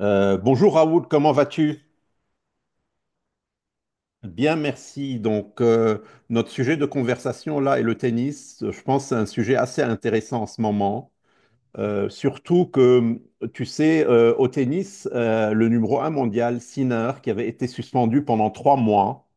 Bonjour Raoul, comment vas-tu? Bien, merci. Donc, notre sujet de conversation là est le tennis. Je pense que c'est un sujet assez intéressant en ce moment. Surtout que, tu sais, au tennis, le numéro un mondial, Sinner, qui avait été suspendu pendant 3 mois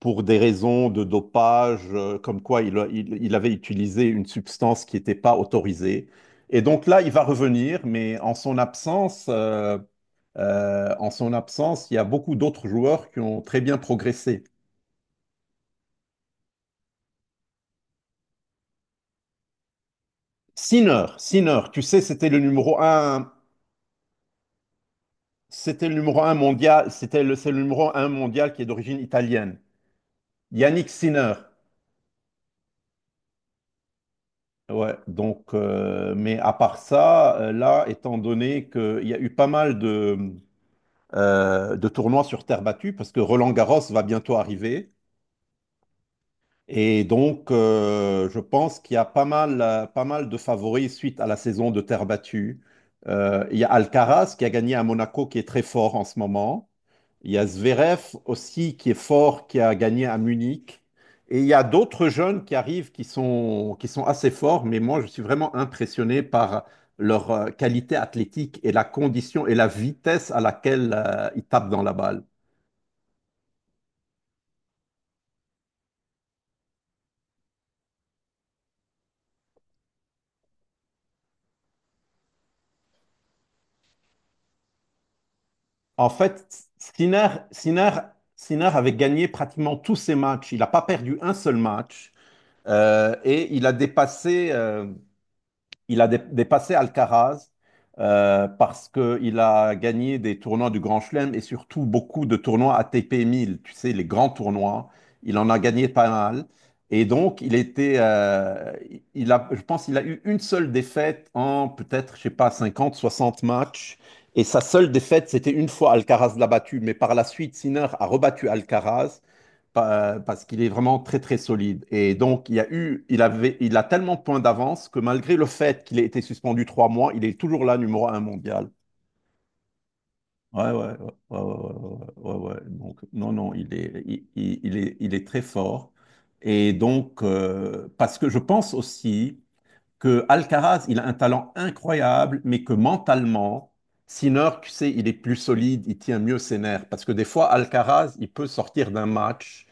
pour des raisons de dopage, comme quoi il, il avait utilisé une substance qui n'était pas autorisée. Et donc là, il va revenir, mais en son absence, il y a beaucoup d'autres joueurs qui ont très bien progressé. Tu sais, c'était le numéro un mondial, c'est le numéro un mondial qui est d'origine italienne. Yannick Sinner. Ouais, donc, mais à part ça, là, étant donné qu'il y a eu pas mal de tournois sur terre battue, parce que Roland Garros va bientôt arriver. Et donc, je pense qu'il y a pas mal de favoris suite à la saison de terre battue. Il y a Alcaraz qui a gagné à Monaco, qui est très fort en ce moment. Il y a Zverev aussi qui est fort, qui a gagné à Munich. Et il y a d'autres jeunes qui arrivent qui sont assez forts, mais moi, je suis vraiment impressionné par leur qualité athlétique et la condition et la vitesse à laquelle ils tapent dans la balle. En fait, Sinner avait gagné pratiquement tous ses matchs. Il n'a pas perdu un seul match. Et il a dépassé, dépassé Alcaraz parce qu'il a gagné des tournois du Grand Chelem et surtout beaucoup de tournois ATP 1000, tu sais, les grands tournois. Il en a gagné pas mal. Et donc, il a, je pense qu'il a eu une seule défaite en peut-être, je sais pas, 50, 60 matchs. Et sa seule défaite, c'était une fois Alcaraz l'a battu. Mais par la suite, Sinner a rebattu Alcaraz parce qu'il est vraiment très très solide. Et donc, il y a eu, il avait, il a tellement de points d'avance que malgré le fait qu'il ait été suspendu 3 mois, il est toujours là numéro un mondial. Ouais, ouais, ouais, ouais, ouais, ouais, ouais, ouais, ouais. Donc, non, non, il est très fort. Et donc, parce que je pense aussi que Alcaraz, il a un talent incroyable, mais que mentalement, Sinner, tu sais, il est plus solide, il tient mieux ses nerfs. Parce que des fois, Alcaraz, il peut sortir d'un match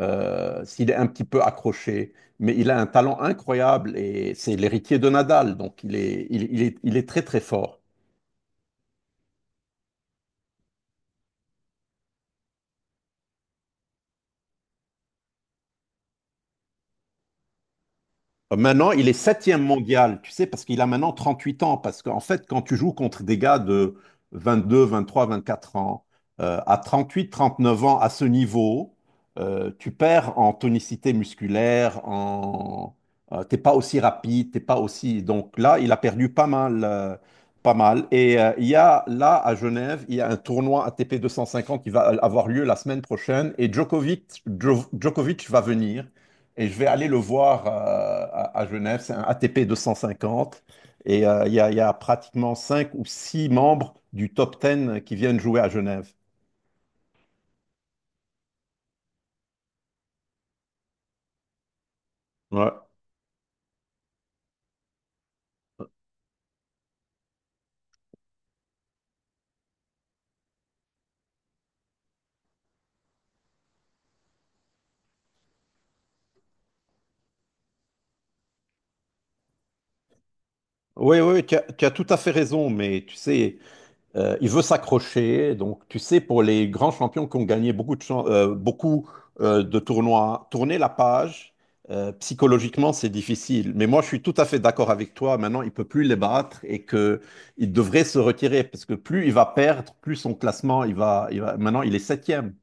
s'il est un petit peu accroché, mais il a un talent incroyable et c'est l'héritier de Nadal, donc il est très très fort. Maintenant, il est septième mondial, tu sais, parce qu'il a maintenant 38 ans. Parce qu'en fait, quand tu joues contre des gars de 22, 23, 24 ans, à 38, 39 ans, à ce niveau, tu perds en tonicité musculaire, en, t'es pas aussi rapide, t'es pas aussi. Donc là, il a perdu pas mal, pas mal. Et il y a là à Genève, il y a un tournoi ATP 250 qui va avoir lieu la semaine prochaine, et Djokovic va venir. Et je vais aller le voir à Genève. C'est un ATP 250. Et il y a pratiquement 5 ou 6 membres du top 10 qui viennent jouer à Genève. Ouais. Oui, oui, tu as tout à fait raison. Mais tu sais, il veut s'accrocher. Donc, tu sais, pour les grands champions qui ont gagné beaucoup, de tournois, tourner la page, psychologiquement, c'est difficile. Mais moi, je suis tout à fait d'accord avec toi. Maintenant, il peut plus les battre et que il devrait se retirer parce que plus il va perdre, plus son classement, il va. Maintenant, il est septième.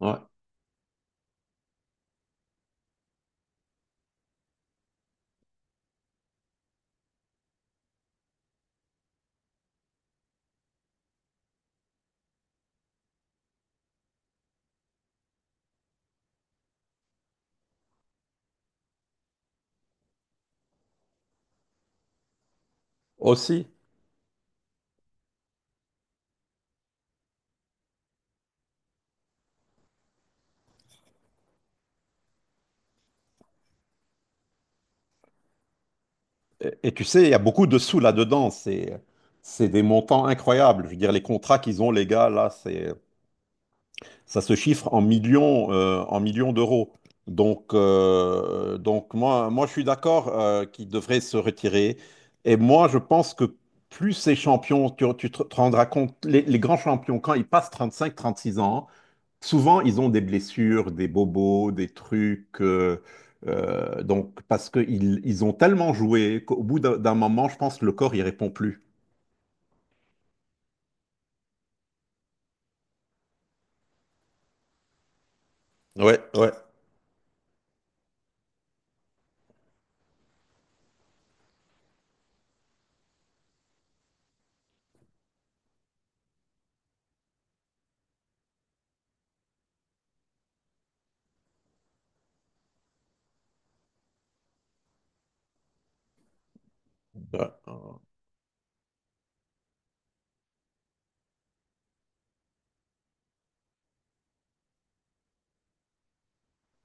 Ouais. Aussi. Et tu sais, il y a beaucoup de sous là-dedans. C'est des montants incroyables. Je veux dire, les contrats qu'ils ont, les gars, là, c'est. Ça se chiffre en millions d'euros. Donc je suis d'accord qu'il devrait se retirer. Et moi, je pense que plus ces champions, tu te rendras compte, les grands champions, quand ils passent 35-36 ans, souvent, ils ont des blessures, des bobos, des trucs. Donc, parce qu'ils ils ont tellement joué qu'au bout d'un moment, je pense que le corps, il répond plus. Ouais, ouais. Ouais.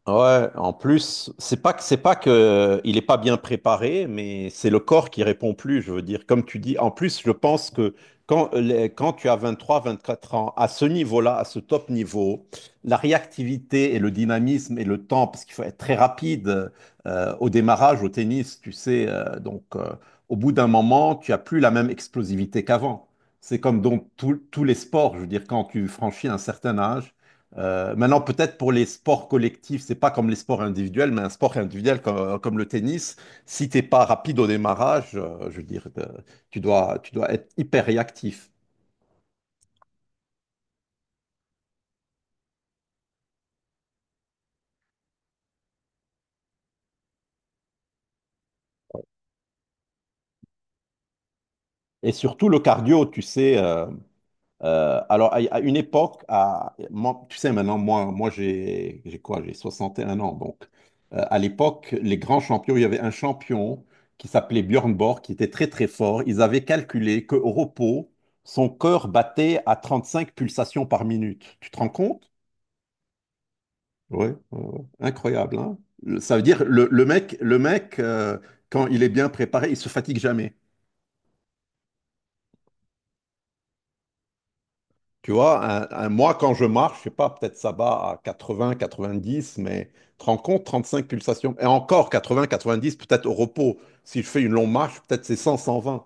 Ouais, en plus, c'est pas que il est pas bien préparé, mais c'est le corps qui répond plus, je veux dire. Comme tu dis, en plus, je pense que quand, quand tu as 23, 24 ans, à ce niveau-là, à ce top niveau, la réactivité et le dynamisme et le temps, parce qu'il faut être très rapide au démarrage, au tennis, tu sais, donc au bout d'un moment, tu as plus la même explosivité qu'avant. C'est comme donc tous les sports, je veux dire, quand tu franchis un certain âge maintenant, peut-être pour les sports collectifs, c'est pas comme les sports individuels, mais un sport individuel comme, comme le tennis, si t'es pas rapide au démarrage, je veux dire, tu dois être hyper réactif. Et surtout le cardio, tu sais, alors, à une époque, moi, tu sais, maintenant, moi j'ai quoi? J'ai 61 ans. Donc, à l'époque, les grands champions, il y avait un champion qui s'appelait Björn Borg, qui était très, très fort. Ils avaient calculé qu'au repos, son cœur battait à 35 pulsations par minute. Tu te rends compte? Oui, incroyable, hein? Ça veut dire, le mec quand il est bien préparé, il se fatigue jamais. Tu vois, moi, quand je marche, je sais pas, peut-être ça bat à 80, 90, mais tu te rends compte, 35 pulsations. Et encore 80, 90, peut-être au repos. Si je fais une longue marche, peut-être c'est 100, 120.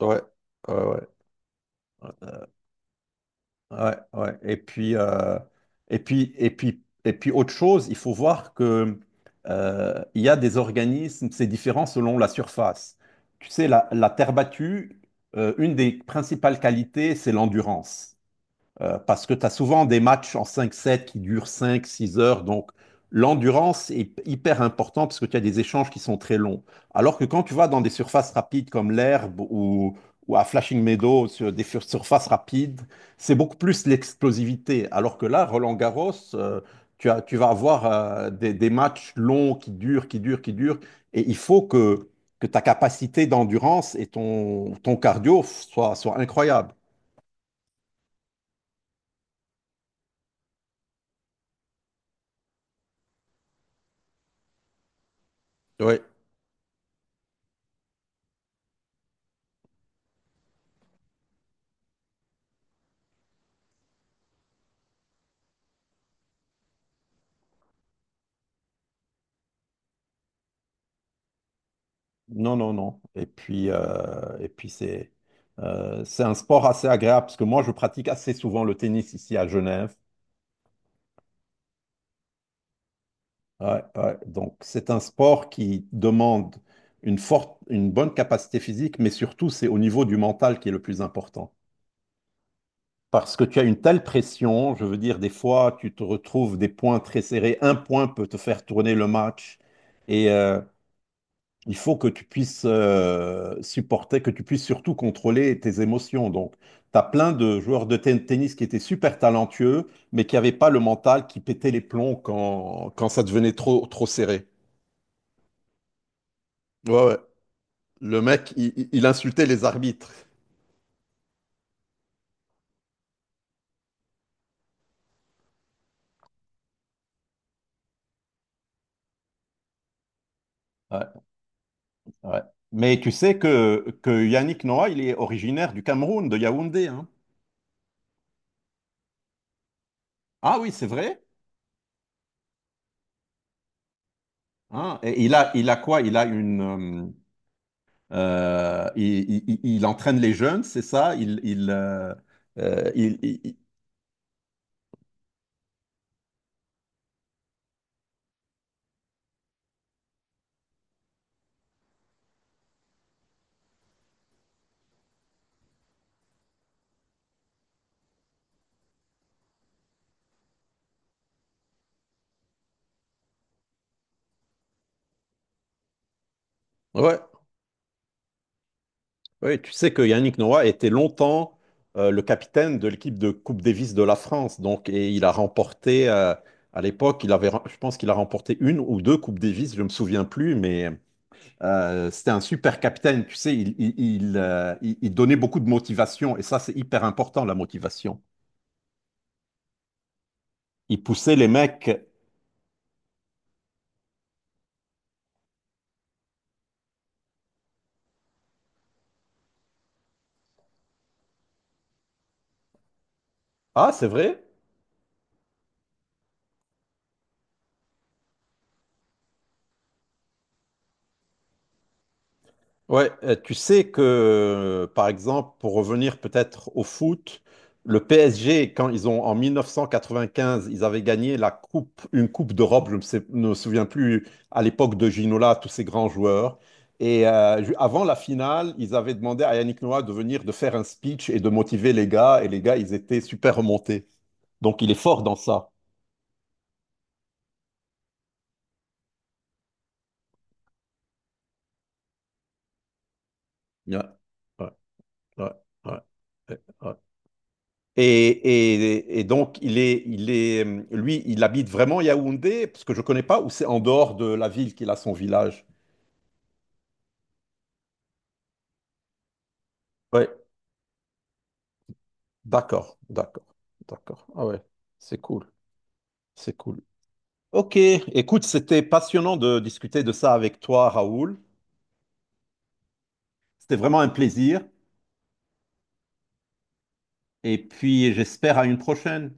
Ouais, ouais, ouais. Ouais, ouais. Et puis, et puis, autre chose, il faut voir que il y a des organismes, c'est différent selon la surface. Tu sais, la terre battue, une des principales qualités, c'est l'endurance. Parce que tu as souvent des matchs en cinq 7 qui durent cinq six heures. Donc, l'endurance est hyper importante parce que tu as des échanges qui sont très longs. Alors que quand tu vas dans des surfaces rapides comme l'herbe ou à Flashing Meadow, sur des surfaces rapides, c'est beaucoup plus l'explosivité. Alors que là, Roland-Garros, tu vas avoir des matchs longs qui durent, qui durent, qui durent. Et que ta capacité d'endurance et ton cardio soient incroyables. Oui. Non, non, non. Et puis c'est un sport assez agréable parce que moi, je pratique assez souvent le tennis ici à Genève. Ouais, ouais. Donc, c'est un sport qui demande une bonne capacité physique, mais surtout, c'est au niveau du mental qui est le plus important. Parce que tu as une telle pression, je veux dire, des fois, tu te retrouves des points très serrés. Un point peut te faire tourner le match. Et, euh, Il faut que tu puisses supporter, que tu puisses surtout contrôler tes émotions. Donc, tu as plein de joueurs de tennis qui étaient super talentueux, mais qui n'avaient pas le mental, qui pétaient les plombs quand, quand ça devenait trop, trop serré. Ouais, ouais. Le mec, il insultait les arbitres. Ouais, ouais. Mais tu sais que Yannick Noah, il est originaire du Cameroun, de Yaoundé, hein. Ah oui, c'est vrai. Hein. Et il a quoi? Il a une, euh, il entraîne les jeunes, c'est ça? Euh, il- il- il- Ouais, ouais, tu sais que Yannick Noah était longtemps le capitaine de l'équipe de Coupe Davis de la France. Donc, et il a remporté, à l'époque, il avait, rem- je pense qu'il a remporté une ou deux Coupes Davis, je ne me souviens plus, mais c'était un super capitaine. Tu sais, il donnait beaucoup de motivation. Et ça, c'est hyper important, la motivation. Il poussait les mecs. Ah, c'est vrai? Ouais, tu sais que, par exemple, pour revenir peut-être au foot, le PSG, quand ils ont, en 1995, ils avaient gagné la coupe, une coupe d'Europe, je ne sais- ne me souviens plus, à l'époque de Ginola, tous ces grands joueurs. Et avant la finale, ils avaient demandé à Yannick Noah de venir, de faire un speech et de motiver les gars. Et les gars, ils étaient super remontés. Donc, il est fort dans ça. Ouais, ouais, ouais, ouais, ouais. Et, donc, lui, il habite vraiment Yaoundé, parce que je ne connais pas, ou c'est en dehors de la ville qu'il a son village? Ouais, d'accord, d'accord, d'accord. Ah ouais, c'est cool, c'est cool. Ok, écoute, c'était passionnant de discuter de ça avec toi, Raoul. C'était vraiment un plaisir. Et puis, j'espère à une prochaine.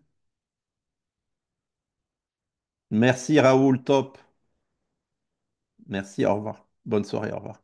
Merci, Raoul, top. Merci, au revoir. Bonne soirée, au revoir.